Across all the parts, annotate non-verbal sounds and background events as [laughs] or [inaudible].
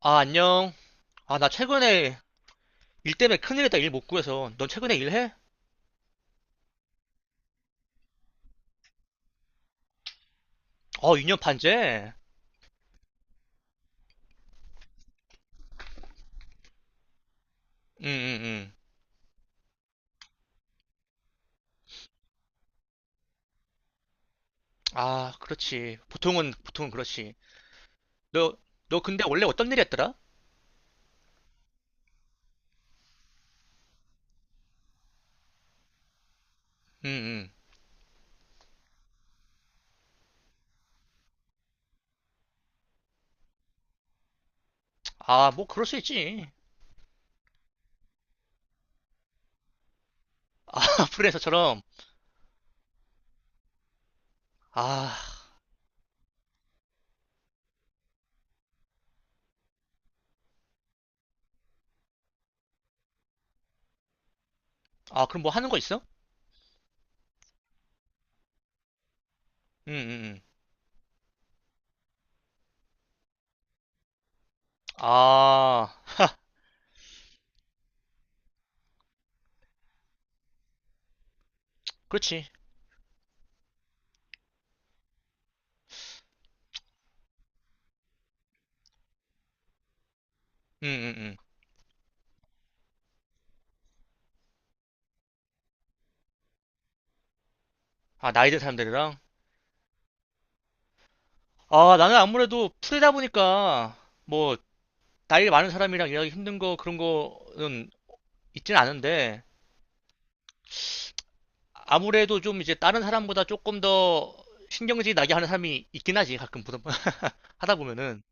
아, 안녕. 아, 나 최근에 일 때문에 큰일이다. 일 못 구해서. 넌 최근에 일해? 어, 이 년 반째? 응, 응, 응. 아, 그렇지. 보통은 그렇지. 너, 너 근데 원래 어떤 일 했더라? 응, 응. 아, 뭐, 그럴 수 있지. 아, [laughs] 프리랜서처럼. 아, 아, 그럼 뭐 하는 거 있어? 응, 응, 응. 아, 하, 그렇지. 응, 응, 응. 아, 나이 든 사람들이랑? 아, 나는 아무래도 프리다 보니까, 뭐, 나이 많은 사람이랑 일하기 힘든 거, 그런 거는 있진 않은데, 아무래도 좀 이제 다른 사람보다 조금 더 신경질 나게 하는 사람이 있긴 하지. 가끔 보다 보- [laughs] 하다 보면은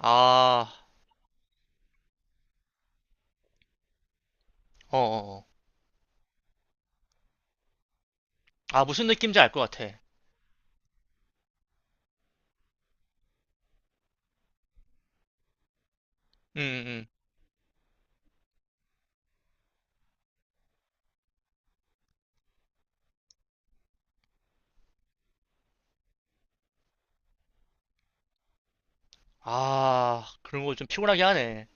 아, 어, 어, 어. 아 무슨 느낌인지 알 것 같아. 음. 음. 아 그런 거 좀 피곤하게 하네.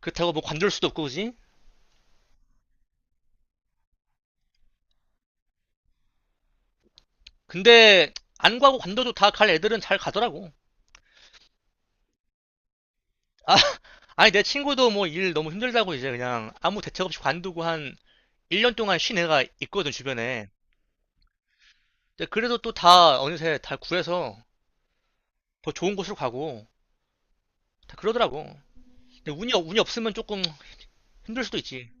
그렇다고 뭐 관둘 수도 없고 그지? 근데 안 가고 관둬도 다 갈 애들은 잘 가더라고. 아, [laughs] 아니 내 친구도 뭐 일 너무 힘들다고 이제 그냥 아무 대책 없이 관두고 한 1년 동안 쉰 애가 있거든 주변에. 근데 그래도 또 다 어느새 다 구해서 더 좋은 곳으로 가고 다 그러더라고. 근데 운이, 없- 운이 없으면 조금 힘들 수도 있지.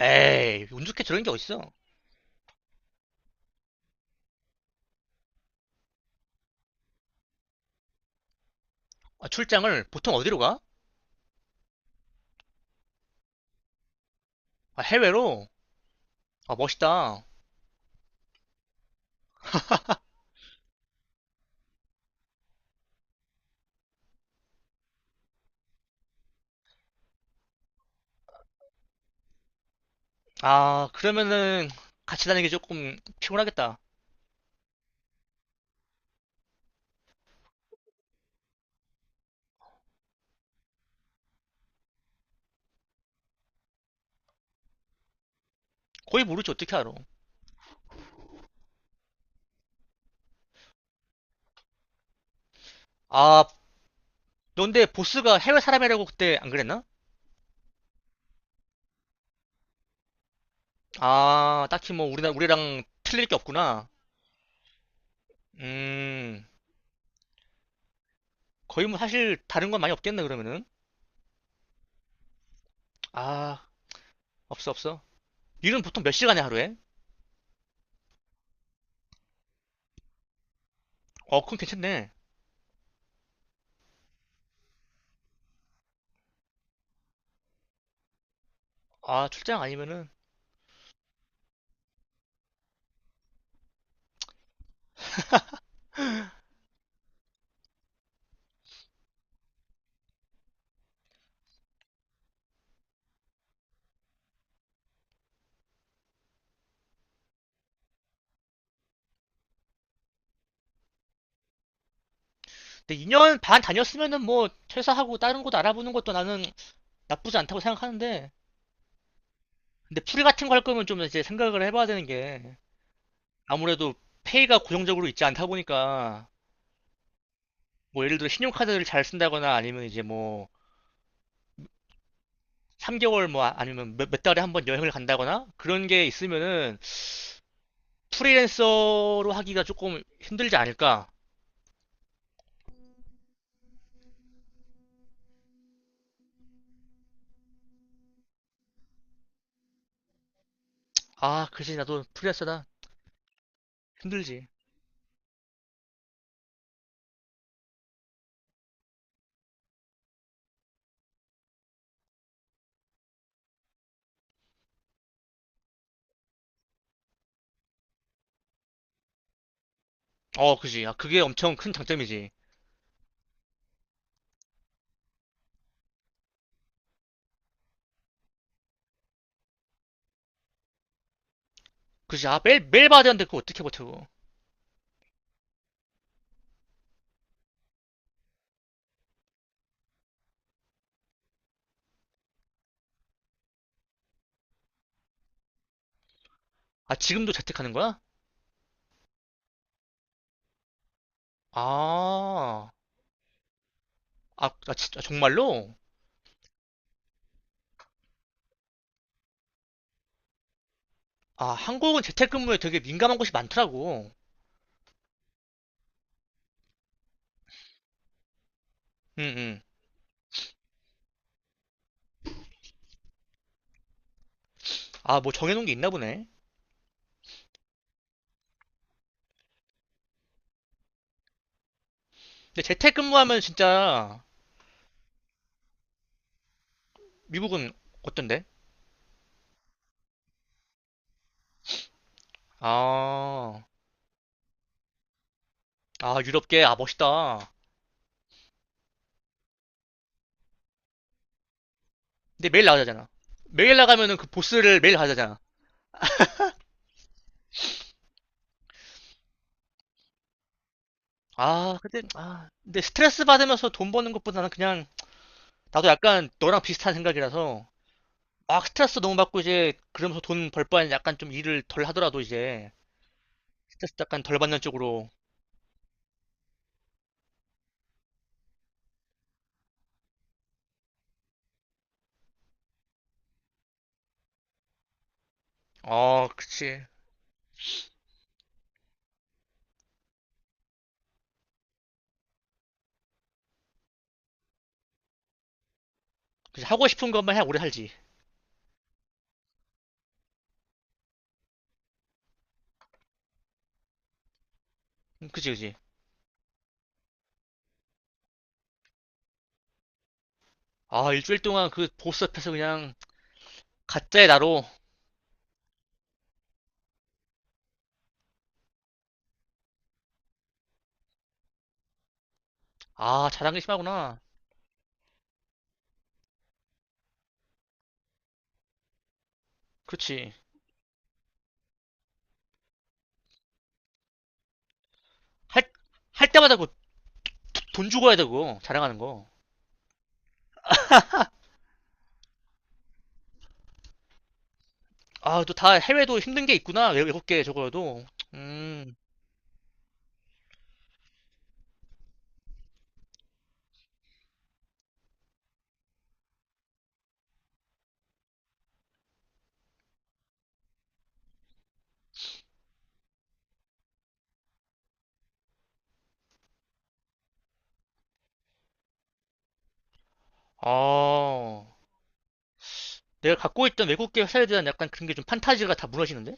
에이, 운 좋게 저런 게 어딨어. 아, 출장을 보통 어디로 가? 아, 해외로? 아, 멋있다. 아, 그러면은 같이 다니기 조금 피곤하겠다. 거의 모르지, 어떻게 알아. 아, 넌데 보스가 해외 사람이라고 그때 안 그랬나? 아, 딱히 뭐 우리나, 우리랑 틀릴 게 없구나. 음, 거의 뭐 사실 다른 건 많이 없겠네, 그러면은. 아, 없어, 없어. 일은 보통 몇 시간에 하루에? 어, 그럼 괜찮네. 아, 출장 아니면은 근데 2년 반 다녔으면은 뭐 퇴사하고 다른 곳 알아보는 것도 나는 나쁘지 않다고 생각하는데 근데 풀 같은 거 할 거면 좀 이제 생각을 해봐야 되는 게 아무래도 페이가 고정적으로 있지 않다 보니까 뭐 예를 들어 신용카드를 잘 쓴다거나 아니면 이제 뭐 3개월 뭐 아- 아니면 몇, 몇 달에 한 번 여행을 간다거나 그런 게 있으면은 프리랜서로 하기가 조금 힘들지 않을까? 아, 그지 나도 프리랜서다 힘들지. 어, 그지. 아, 그게 엄청 큰 장점이지. 그지. 아, 매일 매일 봐야 되는데 그거 어떻게 버텨? 아, 지금도 재택하는 거야? 아, 아, 아, 진짜, 정말로? 아, 한국은 재택근무에 되게 민감한 곳이 많더라고. 응, 응. 아, 뭐 정해놓은 게 있나 보네. 근데 재택근무하면 진짜 미국은 어떤데? 아, 아, 유럽계, 아, 멋있다. 근데 매일 나가잖아. 매일 나가면은 그 보스를 매일 가잖아. 자 아, 근데, 아, 근데 스트레스 받으면서 돈 버는 것보다는 그냥, 나도 약간 너랑 비슷한 생각이라서, 막 스트레스 너무 받고 이제, 그러면서 돈 벌 바엔 약간 좀 일을 덜 하더라도 이제, 스트레스 약간 덜 받는 쪽으로 어, 그치. 그치. 하고 싶은 것만 해 오래 살지. 그치, 그치. 아, 일주일 동안 그 보스 앞에서 그냥 가짜의 나로. 아, 자랑이 심하구나. 그렇지. 할, 할 때마다 그 돈 주고 해야 되고, 자랑하는 거. 아, 또 다 해외도 힘든 게 있구나. 외, 외국계 저거도. 음, 어. 내가 갖고 있던 외국계 회사에 대한 약간 그런 게 좀 판타지가 다 무너지는데?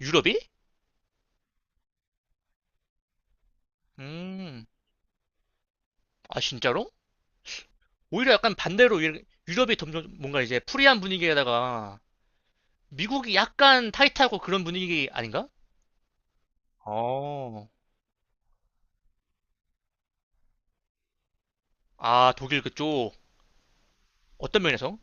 유럽이? 음, 아, 진짜로? 오히려 약간 반대로 유- 유럽이 점점 뭔가 이제 프리한 분위기에다가 미국이 약간 타이트하고 그런 분위기 아닌가? 어, 아, 독일 그쪽. 어떤 면에서?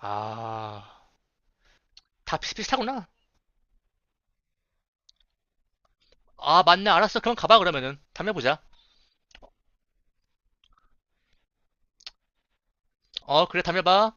아, 다 비슷비슷하구나. 아, 맞네. 알았어. 그럼 가봐, 그러면은. 담배 보자. 어, 그래, 담배 봐.